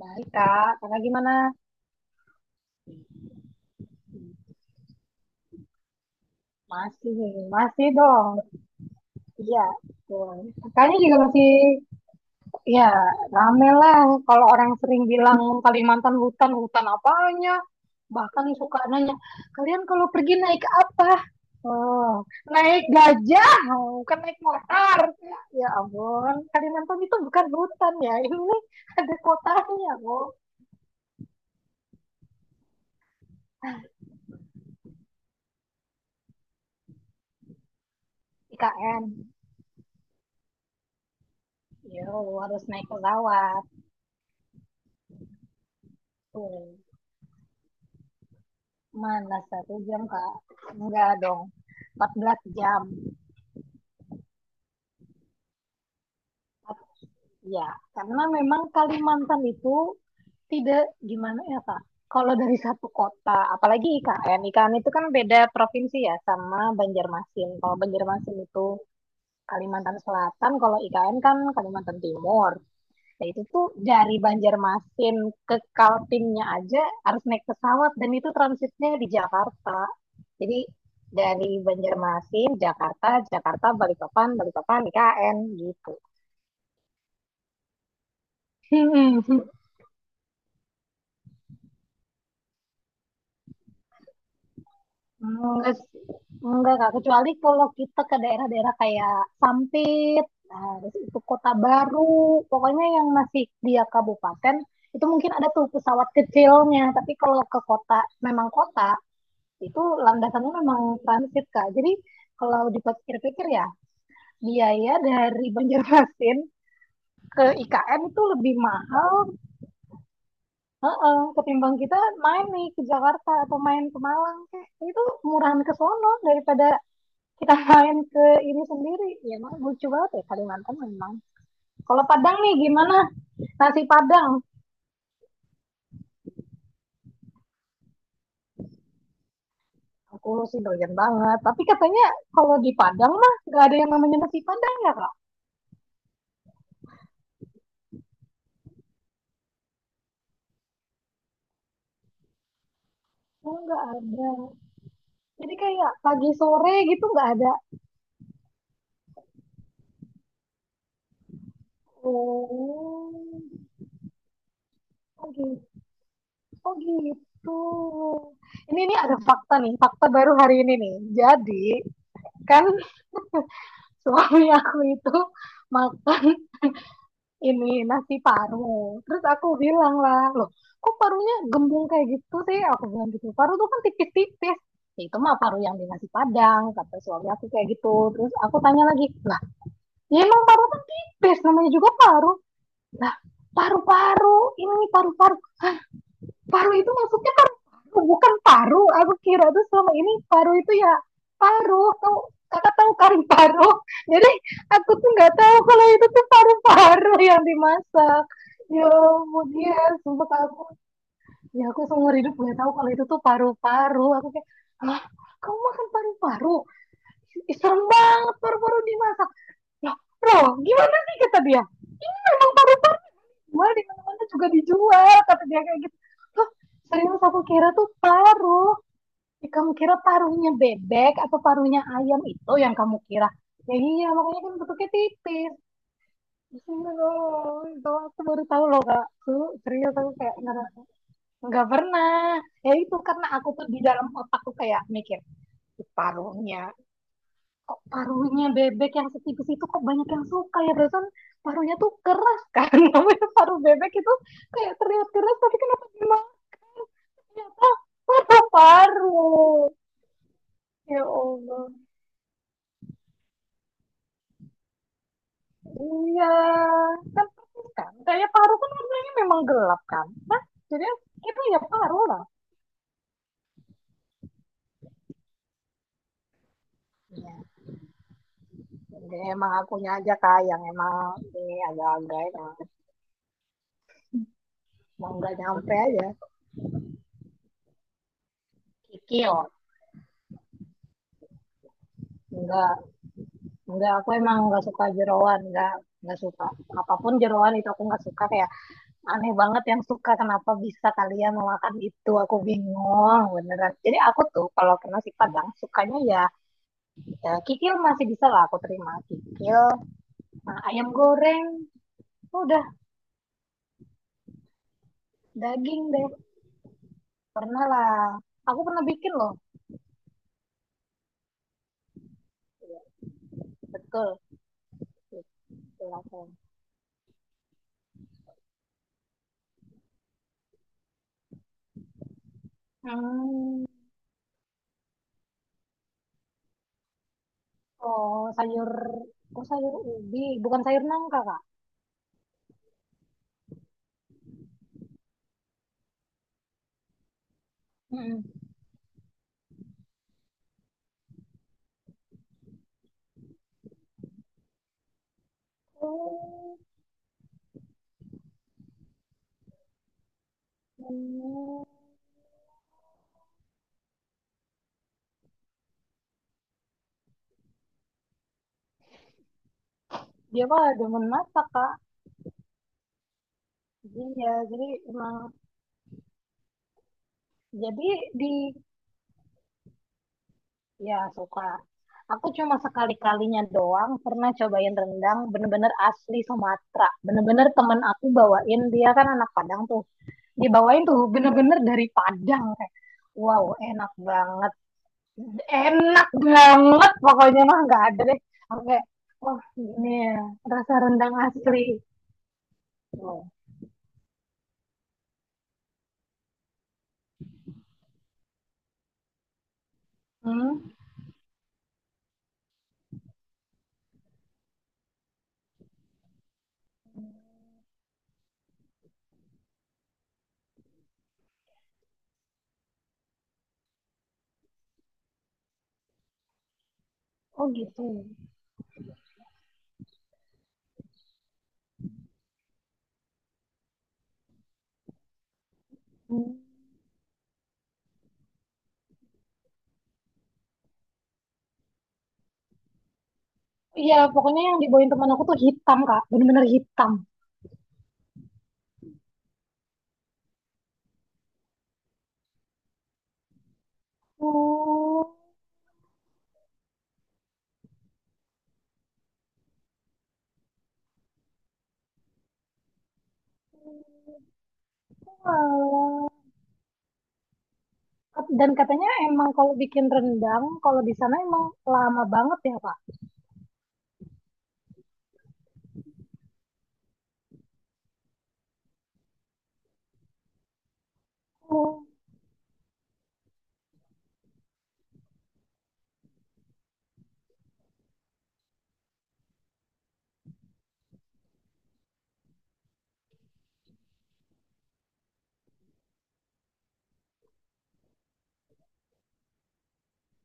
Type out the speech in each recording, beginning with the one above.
Baik, Kak. Kakak gimana? Masih, masih dong. Iya, betul. Kakaknya juga masih, ya, rame lah. Kalau orang sering bilang Kalimantan hutan, hutan apanya? Bahkan suka nanya, kalian kalau pergi naik apa? Oh, naik gajah. Oh, bukan naik motor. Ya ampun, Kalimantan itu bukan hutan ya. Ini ada kotanya, Bu. IKN. Yo, harus naik pesawat. Tuh. Mana satu jam, Kak? Enggak dong, 14 jam. Ya, karena memang Kalimantan itu tidak gimana ya, Kak? Kalau dari satu kota, apalagi IKN, IKN itu kan beda provinsi ya sama Banjarmasin. Kalau Banjarmasin itu Kalimantan Selatan, kalau IKN kan Kalimantan Timur. Nah, itu tuh dari Banjarmasin ke Kaltimnya aja harus naik pesawat dan itu transitnya di Jakarta. Jadi dari Banjarmasin, Jakarta, Jakarta, Balikpapan, Balikpapan, IKN gitu. Enggak, sih. Enggak Kak. Kecuali kalau kita ke daerah-daerah kayak Sampit, nah, terus itu Kota Baru, pokoknya yang masih dia kabupaten, itu mungkin ada tuh pesawat kecilnya. Tapi kalau ke kota, memang kota, itu landasannya memang transit Kak. Jadi kalau dipikir-pikir ya biaya dari Banjarmasin ke IKN itu lebih mahal, heeh, ketimbang kita main nih ke Jakarta atau main ke Malang Kak. Itu murahan ke sono daripada kita main ke ini sendiri. Ya emang lucu banget ya Kalimantan memang. Kalau Padang nih gimana? Nasi Padang. Aku sih doyan banget. Tapi katanya kalau di Padang mah nggak ada yang namanya nasi Padang ya Kak? Oh, nggak ada. Jadi kayak pagi sore gitu nggak ada. Oh, oh gitu. Oh gitu. Ini ada fakta nih, fakta baru hari ini nih. Jadi kan suami aku itu makan ini nasi paru. Terus aku bilang lah, loh kok parunya gembung kayak gitu sih? Aku bilang gitu. Paru tuh kan tipis-tipis. "Ya, itu mah paru yang di nasi Padang," kata suami aku kayak gitu. Terus aku tanya lagi, lah, ya emang paru kan tipis, namanya juga paru. Lah, paru-paru, ini paru-paru. Paru itu maksudnya paru-paru, bukan paru. Aku kira tuh selama ini paru itu ya paru. Tahu kakak tahu kari paru. Jadi aku tuh nggak tahu kalau itu tuh paru-paru yang dimasak. Ya ampun, dia sumpah aku. Ya aku seumur hidup nggak tahu kalau itu tuh paru-paru. Aku kayak, ah, kamu makan paru-paru? Ih, serem banget paru-paru dimasak. Lah, Bro, gimana sih kata dia? Ini memang paru-paru dijual di mana-mana juga dijual, kata dia kayak gitu. Loh, serius aku kira tuh paru. Ya, kamu kira parunya bebek atau parunya ayam itu yang kamu kira? Ya iya, makanya kan bentuknya tipis. Terus ini loh, itu aku baru tahu loh kak. Tuh, serius aku kayak nggak pernah. Ya itu karena aku tuh di dalam otakku kayak mikir, "Ih, parunya, kok parunya bebek yang setipis itu kok banyak yang suka ya perasaan parunya tuh keras kan, namanya paru bebek itu kayak terlihat keras tapi kenapa dimakan, ternyata paru paru ya Allah. Iya, kan persis kan kayak paru kan warnanya memang gelap kan. Nah, jadi itu ya paru lah. Ya jadi emang akunya aja kak yang emang ini agak-agak, emang emang nggak nyampe aja. Kikil enggak. Enggak, aku emang nggak suka jeroan, nggak suka. Apapun jeroan itu aku nggak suka, kayak aneh banget yang suka, kenapa bisa kalian memakan itu, aku bingung beneran. Jadi aku tuh kalau ke nasi Padang sukanya ya, ya kikil masih bisa lah aku terima kikil, nah, ayam goreng, udah daging deh. Pernah lah, aku pernah bikin loh. Iya, betul, betul aku. Hmm, oh sayur, oh sayur ubi, bukan sayur nangka kak. Mm-mm. Oh. Hmm, dia malah demen masak kak. Iya jadi emang, jadi di, ya suka. Aku cuma sekali-kalinya doang pernah cobain rendang bener-bener asli Sumatera. Bener-bener temen aku bawain, dia kan anak Padang tuh, dia bawain tuh bener-bener dari Padang kayak wow enak banget, enak banget pokoknya mah nggak ada deh. Aku kayak, wah ini ya, rasa rendang asli. Oh, hmm? Oh gitu. Hmm. Iya, pokoknya yang dibawain teman aku tuh hitam, Kak. Bener-bener hitam. Oh, alah. Dan katanya emang kalau bikin rendang, kalau di sana emang lama banget ya, Pak? Oh,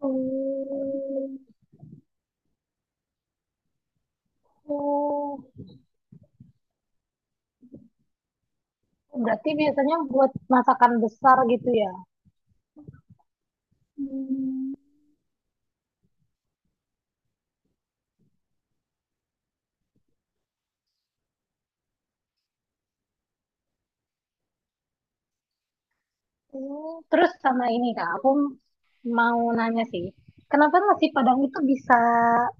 oh, oh. Berarti biasanya buat masakan besar gitu ya? Hmm. Oh, Terus sama ini, Kak, aku mau nanya sih. Kenapa nasi Padang itu bisa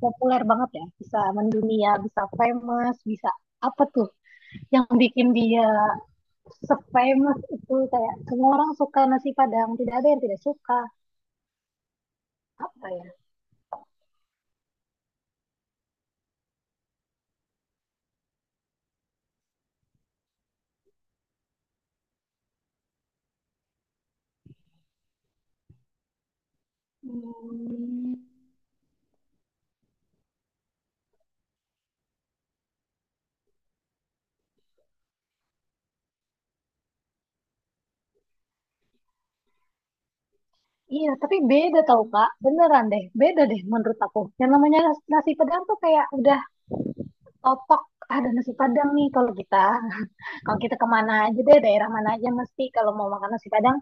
populer banget ya? Bisa mendunia, bisa famous, bisa apa tuh? Yang bikin dia se-famous itu kayak semua orang suka nasi Padang, tidak ada yang tidak suka. Apa ya? Hmm, iya, tapi beda tau Kak, beneran deh, beda deh menurut aku. Yang namanya nasi Padang tuh kayak udah otok ada nasi Padang nih kalau kita. Kalau kita kemana aja deh, daerah mana aja mesti kalau mau makan nasi Padang,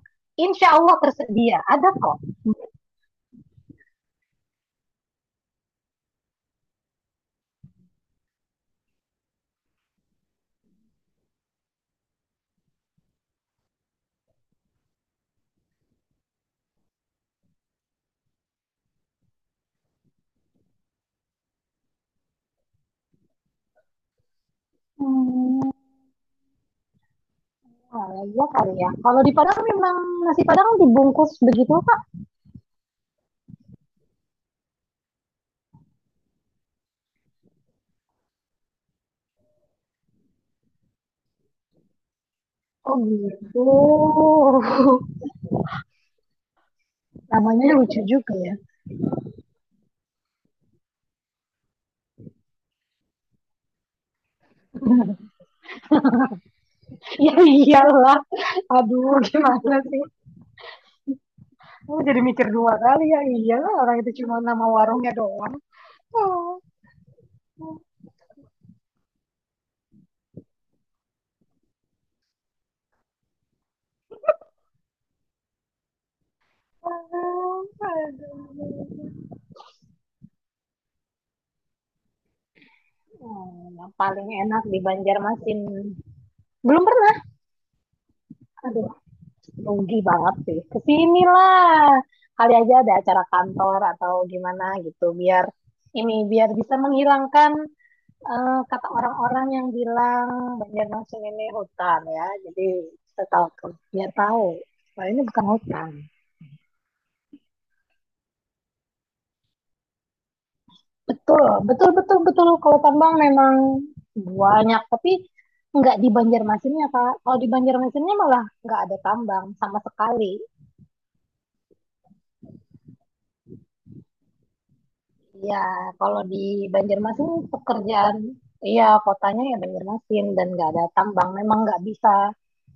insya Allah tersedia, ada kok. Hmm, oh, iya kali ya. Kalau di Padang memang nasi Padang dibungkus begitu Kak. Oh gitu. Namanya lucu juga ya. Ya iyalah. Aduh, gimana sih? Aku jadi mikir dua kali ya. Iyalah, orang itu cuma nama warungnya doang. Oh. Yang paling enak di Banjarmasin. Belum pernah. Aduh, rugi banget sih. Kesinilah. Kali aja ada acara kantor atau gimana gitu. Biar ini biar bisa menghilangkan kata orang-orang yang bilang Banjarmasin ini hutan ya, jadi setahu dia tahu bahwa ini bukan hutan. Betul, betul, betul, betul. Kalau tambang memang banyak, tapi nggak di Banjarmasinnya Kak. Kalau di Banjarmasinnya malah nggak ada tambang sama sekali. Iya, kalau di Banjarmasin pekerjaan, iya kotanya ya Banjarmasin dan nggak ada tambang. Memang nggak bisa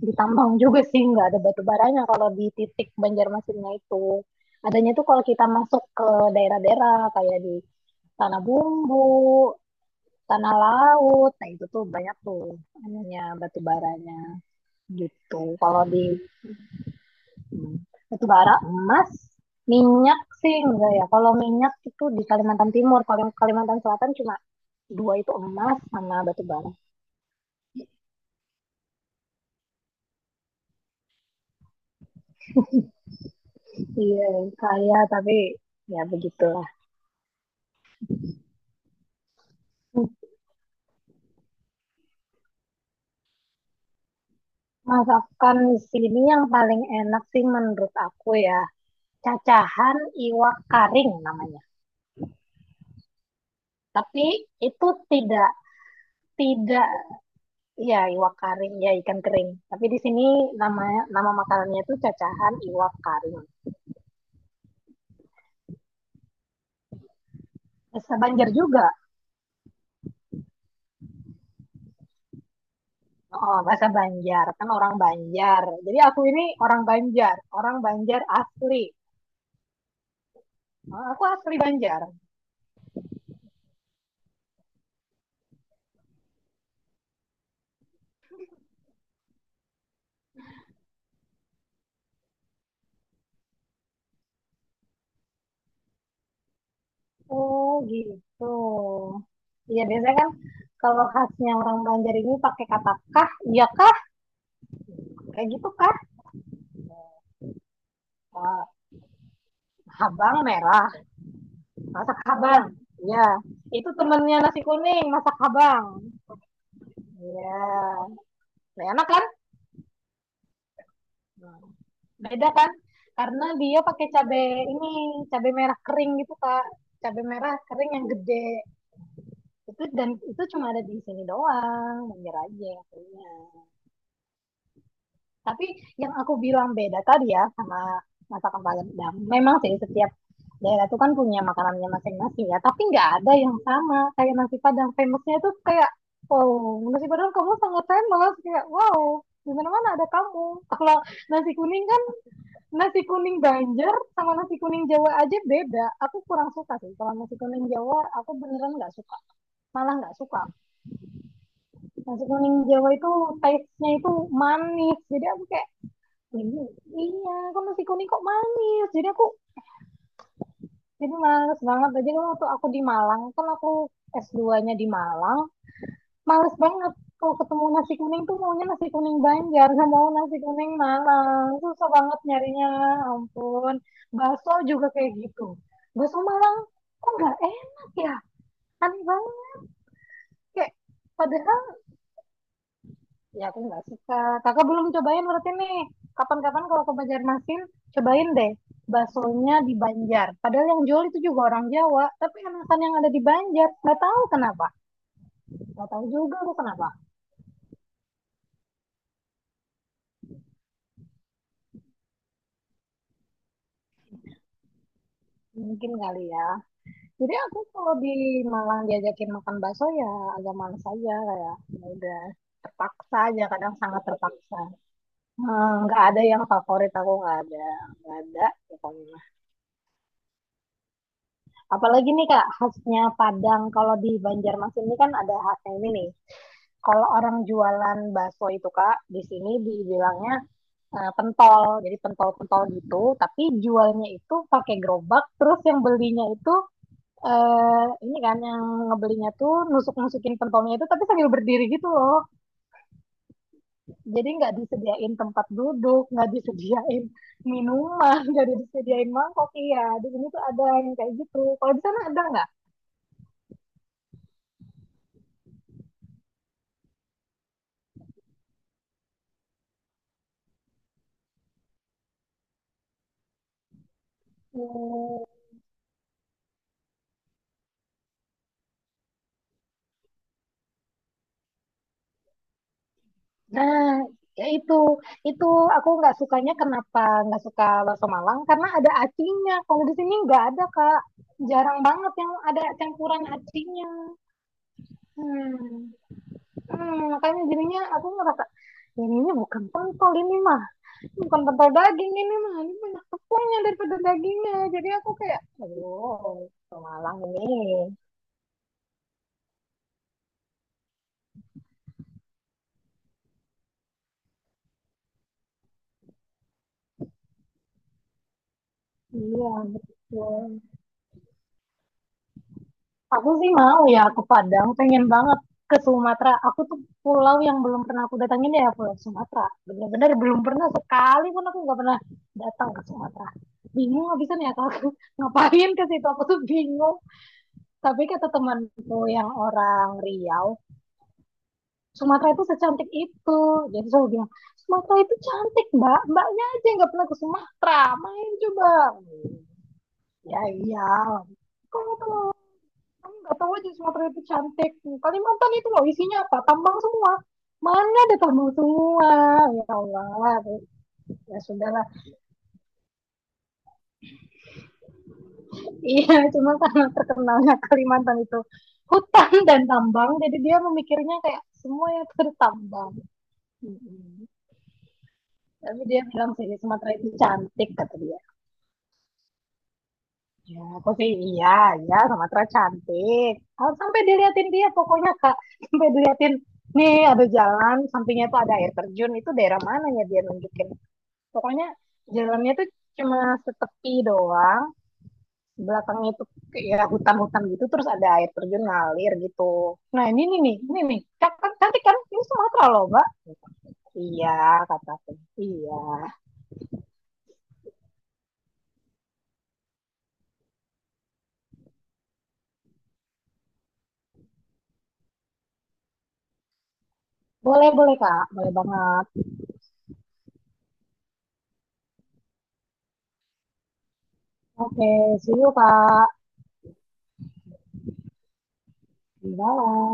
ditambang juga sih, nggak ada batu baranya kalau di titik Banjarmasinnya itu. Adanya tuh kalau kita masuk ke daerah-daerah kayak di Tanah Bumbu, Tanah Laut, nah itu tuh banyak tuh anunya batu baranya gitu. Kalau di hmm, batu bara, emas. Minyak sih enggak ya. Kalau minyak itu di Kalimantan Timur, kalau Kalimantan Selatan cuma dua itu emas sama batu bara. Iya, kaya tapi ya begitulah. Masakan di sini yang paling enak sih menurut aku ya cacahan iwak karing namanya. Tapi itu tidak tidak ya iwak karing ya ikan kering. Tapi di sini nama nama makanannya itu cacahan iwak karing. Bahasa Banjar juga. Oh, bahasa Banjar kan orang Banjar. Jadi aku ini orang Banjar asli. Oh, Aku asli Banjar. Oh gitu. Iya biasanya kan kalau khasnya orang Banjar ini pakai kata kah, iya kah, kayak gitu kah. Eh, habang merah, masak habang. Iya, itu temennya nasi kuning, masak habang. Iya, Nah, enak kan? Nah, Beda kan? Karena dia pakai cabe ini, cabe merah kering gitu kak. Cabe merah kering yang gede. Itu dan itu cuma ada di sini doang, Banjar aja yang punya. Tapi yang aku bilang beda tadi ya sama masakan Padang. Memang sih setiap daerah itu kan punya makanannya masing-masing ya. Tapi nggak ada yang sama kayak nasi Padang. Famousnya itu kayak, wow, nasi Padang kamu sangat famous. Kayak, wow, di mana-mana ada kamu. Kalau nasi kuning kan, nasi kuning Banjar sama nasi kuning Jawa aja beda. Aku kurang suka sih kalau nasi kuning Jawa. Aku beneran nggak suka, malah nggak suka. Nasi kuning Jawa itu taste-nya itu manis. Jadi aku kayak jadi, iya, kan nasi kuning kok manis. Jadi aku jadi males banget. Jadi kan waktu aku di Malang, kan aku S2-nya di Malang, males banget kalau ketemu nasi kuning tuh maunya nasi kuning Banjar, nggak mau nasi kuning Malang. Susah banget nyarinya, ampun. Bakso juga kayak gitu. Bakso Malang kok nggak enak ya? Aneh banget. Kayak, padahal ya aku nggak suka. Kakak belum cobain berarti nih. Kapan-kapan kalau ke Banjarmasin, cobain deh baksonya di Banjar. Padahal yang jual itu juga orang Jawa, tapi enakan yang ada di Banjar. Nggak tahu kenapa. Nggak tahu juga aku kenapa. Mungkin kali ya. Jadi aku kalau di Malang diajakin makan bakso ya agak males aja kayak. Ya udah terpaksa aja kadang sangat terpaksa. Nggak ada yang favorit, aku nggak ada. Nggak ada. Pokoknya apalagi nih Kak, khasnya Padang kalau di Banjarmasin ini kan ada khasnya ini nih. Kalau orang jualan bakso itu Kak, di sini dibilangnya pentol. Jadi pentol-pentol gitu, tapi jualnya itu pakai gerobak, terus yang belinya itu ini kan yang ngebelinya tuh nusuk-nusukin pentolnya itu tapi sambil berdiri gitu loh. Jadi nggak disediain tempat duduk, nggak disediain minuman, nggak disediain mangkok. Iya, di sini tuh ada yang kayak gitu. Kalau di sana ada nggak? Hmm, Nah, ya itu aku nggak sukanya, kenapa nggak suka bakso Malang karena ada acinya. Kalau di sini nggak ada Kak. Jarang banget yang ada campuran acinya. Hmm. Makanya jadinya aku ngerasa, "Ini bukan pentol ini mah. Bukan pentol daging ini mah. Ini banyak tepungnya daripada dagingnya." Jadi aku kayak, "Oh, bakso Malang ini." Iya, betul. Aku sih mau ya ke Padang, pengen banget ke Sumatera. Aku tuh pulau yang belum pernah aku datangin ya Pulau Sumatera. Bener-bener belum pernah sekali pun aku nggak pernah datang ke Sumatera. Bingung habisan ya kalau aku ngapain ke situ aku tuh bingung. Tapi kata temanku yang orang Riau, Sumatera itu secantik itu. Jadi selalu bilang, "Sumatera itu cantik mbak. Mbaknya aja yang nggak pernah ke Sumatera. Main coba." Ya iya. Kok tuh nggak tahu aja Sumatera itu cantik, Kalimantan itu loh isinya apa tambang semua, mana ada tambang semua, ya Allah, ya sudahlah. Iya cuma karena terkenalnya Kalimantan itu hutan dan tambang jadi dia memikirnya kayak semuanya itu ada, tapi dia bilang sih Sumatera itu cantik kata dia. Ya, tapi iya, ya Sumatera cantik. Kalau sampai diliatin dia pokoknya Kak, sampai diliatin nih ada jalan, sampingnya tuh ada air terjun, itu daerah mana ya dia nunjukin. Pokoknya jalannya tuh cuma setepi doang, belakangnya itu ya hutan-hutan gitu, terus ada air terjun ngalir gitu. Nah ini nih, nih, ini nih, cantik, cantik kan? Ini Sumatera loh Mbak. Iya, kata aku. Iya. Boleh, boleh Kak, boleh banget. Oke, see you Kak. Di dalam.